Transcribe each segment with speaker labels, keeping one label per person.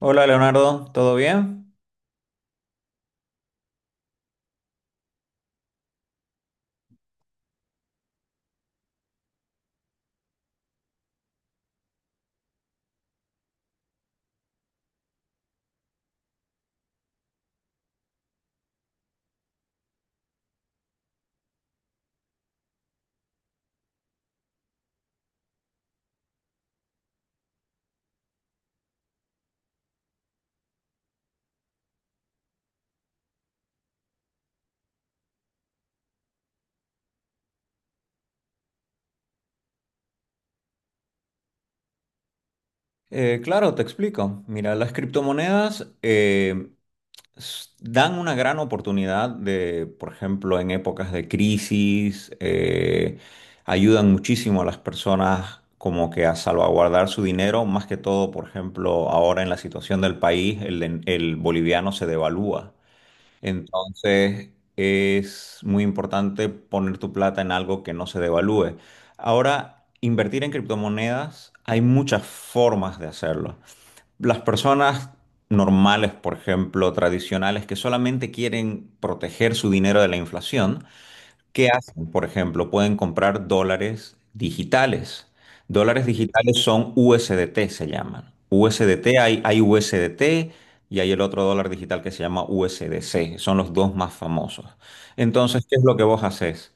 Speaker 1: Hola Leonardo, ¿todo bien? Claro, te explico. Mira, las criptomonedas dan una gran oportunidad de, por ejemplo, en épocas de crisis, ayudan muchísimo a las personas como que a salvaguardar su dinero, más que todo, por ejemplo, ahora en la situación del país, el boliviano se devalúa. Entonces es muy importante poner tu plata en algo que no se devalúe. Ahora, invertir en criptomonedas, hay muchas formas de hacerlo. Las personas normales, por ejemplo, tradicionales, que solamente quieren proteger su dinero de la inflación. ¿Qué hacen? Por ejemplo, pueden comprar dólares digitales. Dólares digitales son USDT, se llaman. USDT, hay USDT y hay el otro dólar digital que se llama USDC. Son los dos más famosos. Entonces, ¿qué es lo que vos haces?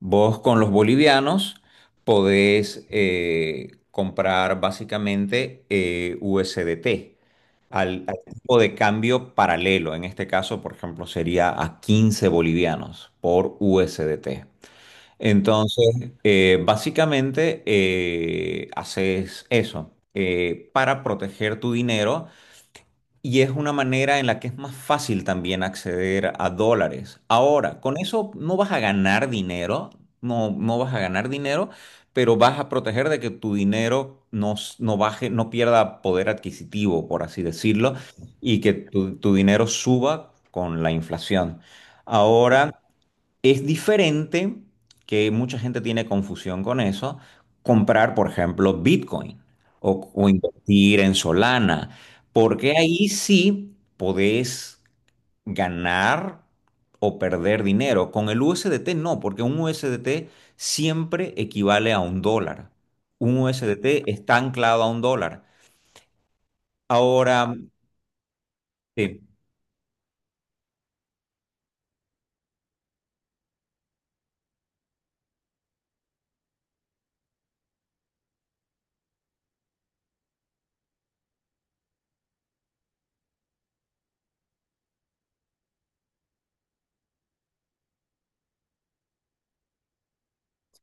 Speaker 1: Vos con los bolivianos podés comprar básicamente USDT al tipo de cambio paralelo. En este caso, por ejemplo, sería a 15 bolivianos por USDT. Entonces, básicamente haces eso para proteger tu dinero y es una manera en la que es más fácil también acceder a dólares. Ahora, con eso no vas a ganar dinero, no, no vas a ganar dinero, pero vas a proteger de que tu dinero no baje, no pierda poder adquisitivo, por así decirlo, y que tu dinero suba con la inflación. Ahora, es diferente, que mucha gente tiene confusión con eso, comprar, por ejemplo, Bitcoin o invertir en Solana, porque ahí sí podés ganar o perder dinero. Con el USDT no, porque un USDT siempre equivale a un dólar. Un USDT está anclado a un dólar. Ahora, sí,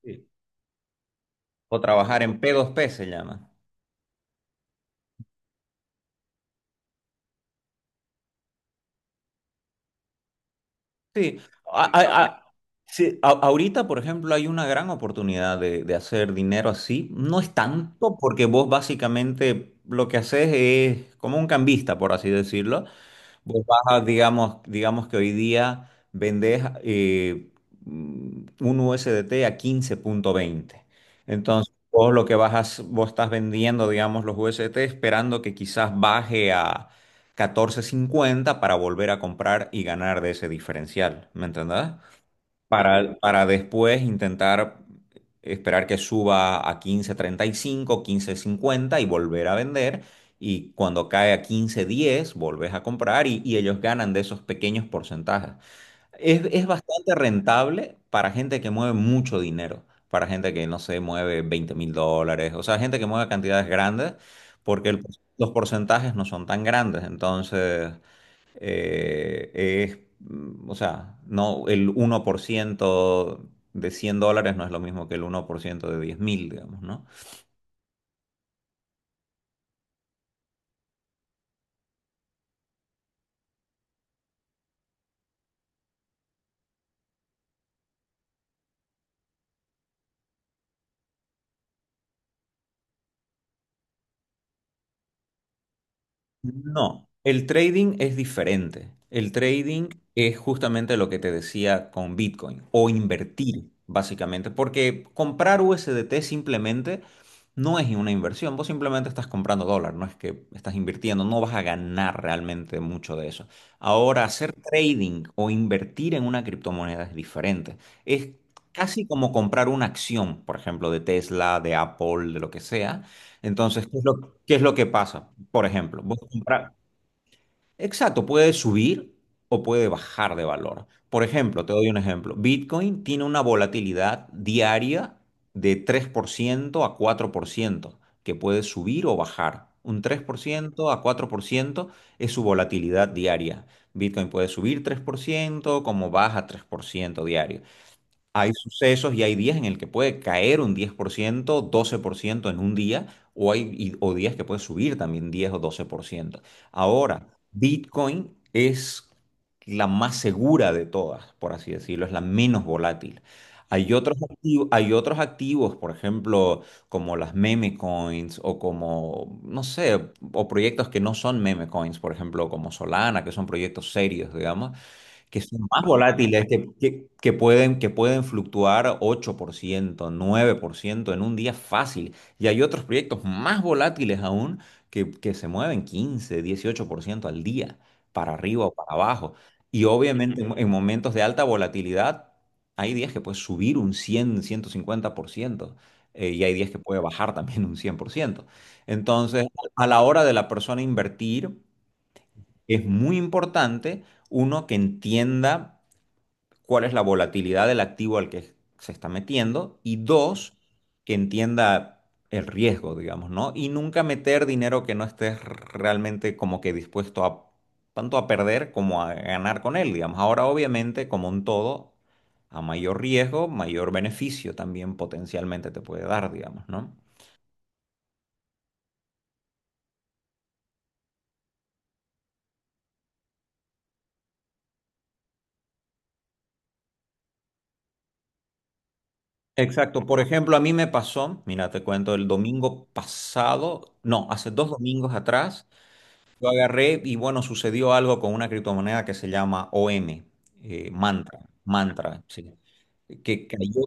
Speaker 1: sí, o trabajar en P2P se llama. Sí, a- Ahorita, a- ahorita. A- sí, a- ahorita, por ejemplo, hay una gran oportunidad de hacer dinero así. No es tanto porque vos básicamente lo que haces es como un cambista, por así decirlo. Vos vas a, digamos que hoy día vendés un USDT a quince punto veinte. Entonces, vos lo que vas a, vos estás vendiendo, digamos, los USDT esperando que quizás baje a catorce cincuenta para volver a comprar y ganar de ese diferencial. ¿Me entendés? Para después intentar esperar que suba a quince treinta y cinco quince cincuenta y volver a vender. Y cuando cae a quince diez volvés a comprar y ellos ganan de esos pequeños porcentajes. Es bastante rentable para gente que mueve mucho dinero, para gente que, no sé, mueve $20.000, o sea, gente que mueve cantidades grandes, porque los porcentajes no son tan grandes. Entonces eh, es, o sea, no, el 1% de $100 no es lo mismo que el 1% de 10.000, digamos, ¿no? No, el trading es diferente. El trading es justamente lo que te decía con Bitcoin o invertir, básicamente, porque comprar USDT simplemente no es una inversión. Vos simplemente estás comprando dólar, no es que estás invirtiendo, no vas a ganar realmente mucho de eso. Ahora, hacer trading o invertir en una criptomoneda es diferente. Es casi como comprar una acción, por ejemplo, de Tesla, de Apple, de lo que sea. Entonces, ¿qué es lo que pasa? Por ejemplo, vos comprar, exacto, puede subir o puede bajar de valor. Por ejemplo, te doy un ejemplo. Bitcoin tiene una volatilidad diaria de 3% a 4% que puede subir o bajar. Un 3% a 4% es su volatilidad diaria. Bitcoin puede subir 3% como baja 3% diario. Hay sucesos y hay días en el que puede caer un 10%, 12% en un día, o o días que puede subir también 10 o 12%. Ahora, Bitcoin es la más segura de todas, por así decirlo, es la menos volátil. Hay otros activos, por ejemplo, como las meme coins o como, no sé, o proyectos que no son meme coins, por ejemplo, como Solana, que son proyectos serios, digamos, que son más volátiles, que pueden fluctuar 8% 9% en un día fácil. Y hay otros proyectos más volátiles aún que se mueven quince dieciocho por ciento al día, para arriba o para abajo. Y obviamente en momentos de alta volatilidad hay días que puede subir un 100, 150%. Y hay días que puede bajar también un 100%. Entonces, a la hora de la persona invertir, es muy importante uno que entienda cuál es la volatilidad del activo al que se está metiendo y dos, que entienda el riesgo, digamos, ¿no? Y nunca meter dinero que no estés realmente como que dispuesto a tanto a perder como a ganar con él, digamos. Ahora, obviamente, como un todo, a mayor riesgo, mayor beneficio también potencialmente te puede dar, digamos, ¿no? Exacto. Por ejemplo, a mí me pasó, mira, te cuento, el domingo pasado, no, hace dos domingos atrás, yo agarré y bueno, sucedió algo con una criptomoneda que se llama OM, Mantra, Mantra, sí, que cayó,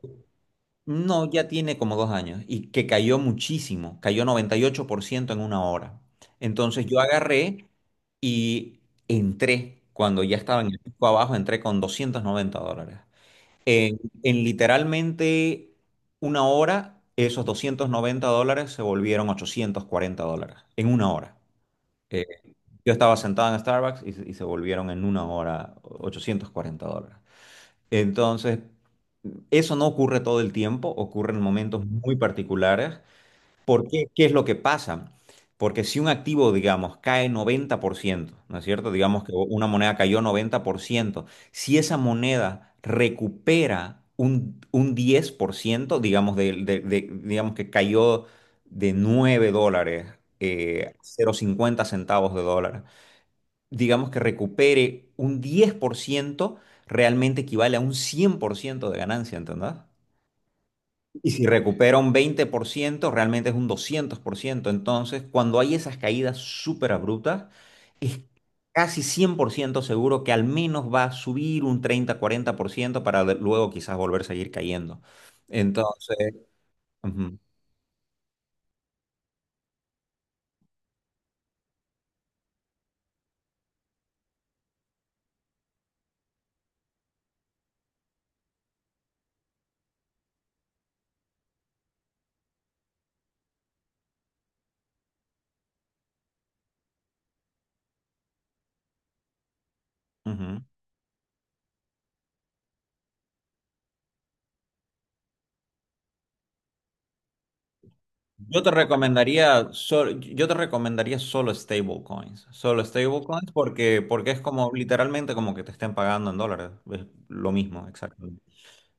Speaker 1: no, ya tiene como 2 años, y que cayó muchísimo, cayó 98% en una hora. Entonces yo agarré y entré, cuando ya estaba en el pico abajo, entré con $290. En literalmente una hora, esos $290 se volvieron $840, en una hora. Yo estaba sentado en Starbucks y se volvieron en una hora $840. Entonces, eso no ocurre todo el tiempo, ocurre en momentos muy particulares. ¿Por qué? ¿Qué es lo que pasa? Porque si un activo, digamos, cae 90%, ¿no es cierto? Digamos que una moneda cayó 90%. Si esa moneda recupera un 10%, digamos, digamos que cayó de $9 cero coma cincuenta centavos de dólar, digamos que recupere un 10%, realmente equivale a un 100% de ganancia, ¿entendés? Y si recupera un 20% realmente es un 200%. Entonces, cuando hay esas caídas súper abruptas, es casi 100% seguro que al menos va a subir un treinta cuarenta por ciento para luego quizás volver a seguir cayendo. Entonces, ujú, ujú. Yo te recomendaría, yo te recomendaría solo stablecoins porque es como literalmente como que te estén pagando en dólares, es lo mismo, exactamente.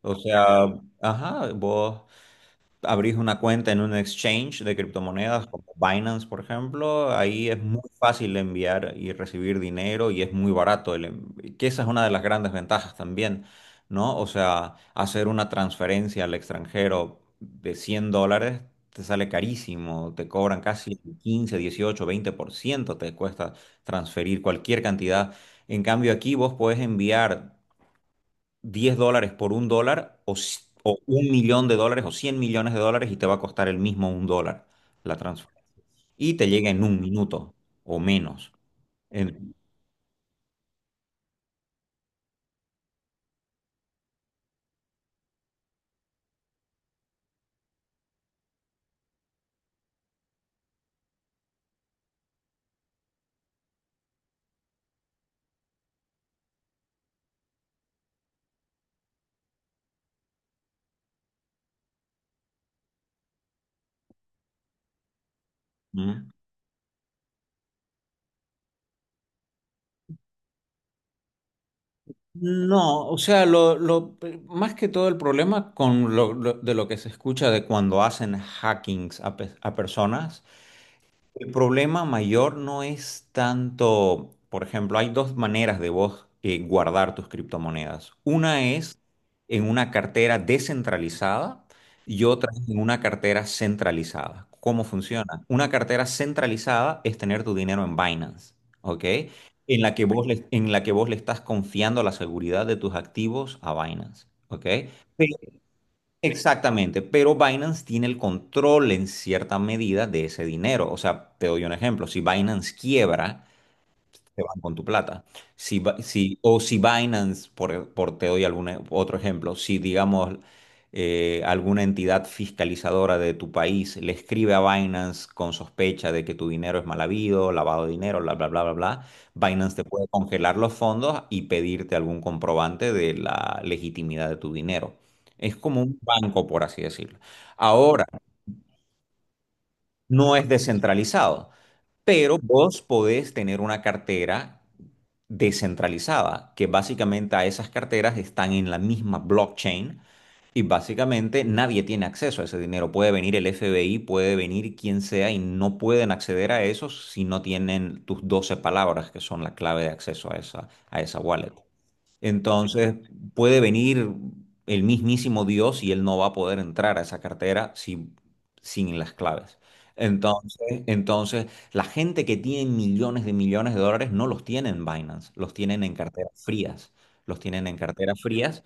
Speaker 1: O sea, ajá, vos abrís una cuenta en un exchange de criptomonedas como Binance, por ejemplo, ahí es muy fácil enviar y recibir dinero y es muy barato, que esa es una de las grandes ventajas también, ¿no? O sea, hacer una transferencia al extranjero de $100 te sale carísimo, te cobran casi el quince, dieciocho, veinte por ciento te cuesta transferir cualquier cantidad. En cambio, aquí vos podés enviar $10 por un dólar o un millón de dólares o 100 millones de dólares y te va a costar el mismo un dólar la transferencia. Y te llega en un minuto o menos. En- ¿Mm? No, o sea, más que todo el problema con de lo que se escucha de cuando hacen hackings a personas. El problema mayor no es tanto, por ejemplo, hay dos maneras de vos guardar tus criptomonedas. Una es en una cartera descentralizada y otra es en una cartera centralizada. ¿Cómo funciona? Una cartera centralizada es tener tu dinero en Binance, ¿ok? En la que vos le, en la que vos le estás confiando la seguridad de tus activos a Binance, ¿ok? Exactamente, pero Binance tiene el control en cierta medida de ese dinero. O sea, te doy un ejemplo, si Binance quiebra, te van con tu plata. O si Binance, por te doy otro ejemplo, si digamos alguna entidad fiscalizadora de tu país le escribe a Binance con sospecha de que tu dinero es mal habido, lavado de dinero, bla, bla, bla, bla, bla, Binance te puede congelar los fondos y pedirte algún comprobante de la legitimidad de tu dinero. Es como un banco, por así decirlo. Ahora, no es descentralizado. Pero vos podés tener una cartera descentralizada, que básicamente a esas carteras están en la misma blockchain y básicamente nadie tiene acceso a ese dinero. Puede venir el FBI, puede venir quien sea y no pueden acceder a eso si no tienen tus 12 palabras, que son la clave de acceso a esa, wallet. Entonces puede venir el mismísimo Dios y él no va a poder entrar a esa cartera sin las claves. Entonces, la gente que tiene millones de dólares no los tiene en Binance, los tienen en carteras frías, los tienen en carteras frías.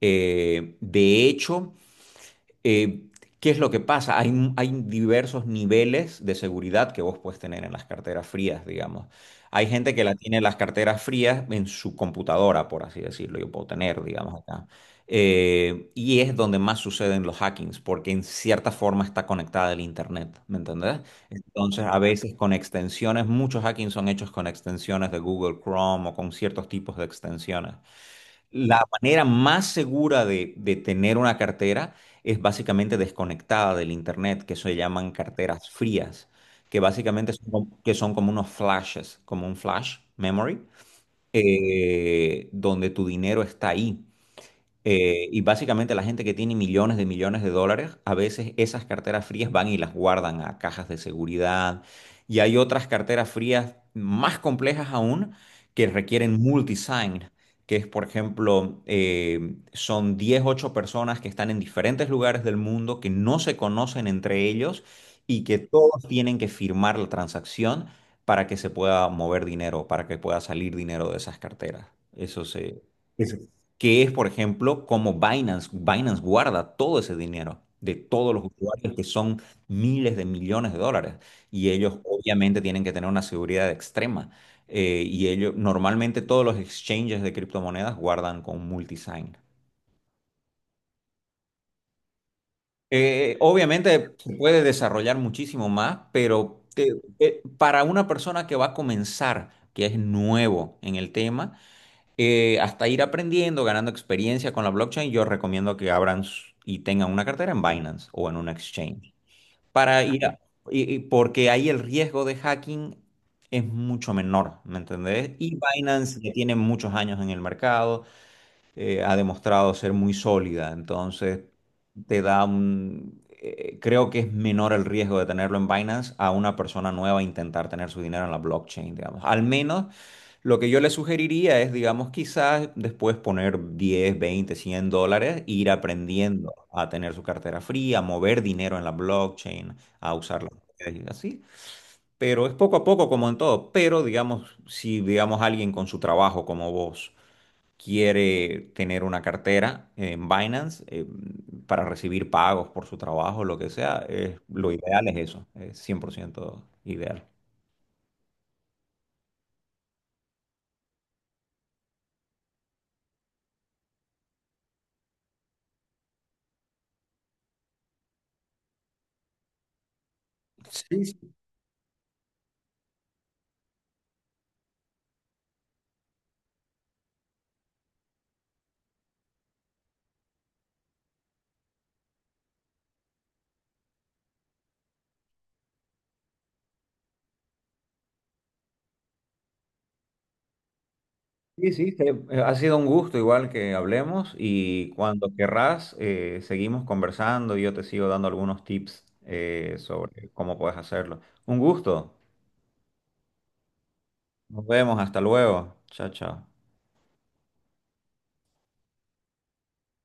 Speaker 1: De hecho, eh, ¿qué es lo que pasa? Hay diversos niveles de seguridad que vos puedes tener en las carteras frías, digamos. Hay gente que la tiene en las carteras frías en su computadora, por así decirlo, yo puedo tener, digamos, acá. Y es donde más suceden los hackings, porque en cierta forma está conectada al Internet, ¿me entendés? Entonces, a veces con extensiones, muchos hackings son hechos con extensiones de Google Chrome o con ciertos tipos de extensiones. La manera más segura de tener una cartera es básicamente desconectada del internet, que se llaman carteras frías, que básicamente que son como unos flashes, como un flash memory, donde tu dinero está ahí. Y básicamente la gente que tiene millones de dólares, a veces esas carteras frías van y las guardan a cajas de seguridad. Y hay otras carteras frías más complejas aún que requieren multisign, que es, por ejemplo, son 10 8 personas que están en diferentes lugares del mundo, que no se conocen entre ellos y que todos tienen que firmar la transacción para que se pueda mover dinero, para que pueda salir dinero de esas carteras. Eso se... Eso que es, por ejemplo, como Binance guarda todo ese dinero de todos los usuarios que son miles de millones de dólares y ellos obviamente tienen que tener una seguridad extrema. Y ellos, normalmente todos los exchanges de criptomonedas guardan con multisign. Obviamente se puede desarrollar muchísimo más, pero para una persona que va a comenzar, que es nuevo en el tema, hasta ir aprendiendo, ganando experiencia con la blockchain, yo recomiendo que y tengan una cartera en Binance o en un exchange. Para ir a- y porque ahí el riesgo de hacking es mucho menor, ¿me entendés? Y Binance ya tiene muchos años en el mercado, ha demostrado ser muy sólida, entonces creo que es menor el riesgo de tenerlo en Binance a una persona nueva intentar tener su dinero en la blockchain, digamos. Al menos lo que yo le sugeriría es, digamos, quizás después poner 10, 20, 100 dólares, ir aprendiendo a tener su cartera fría, a mover dinero en la blockchain, a usar las redes y así. Pero es poco a poco como en todo. Pero, digamos, si, digamos, alguien con su trabajo como vos quiere tener una cartera en Binance para recibir pagos por su trabajo, lo que sea, lo ideal es eso, es 100% ideal. Sí, sí, sí, que, ha sido un gusto igual que hablemos y cuando querrás seguimos conversando y yo te sigo dando algunos tips sobre cómo puedes hacerlo. Un gusto. Nos vemos. Hasta luego. Chao, chao.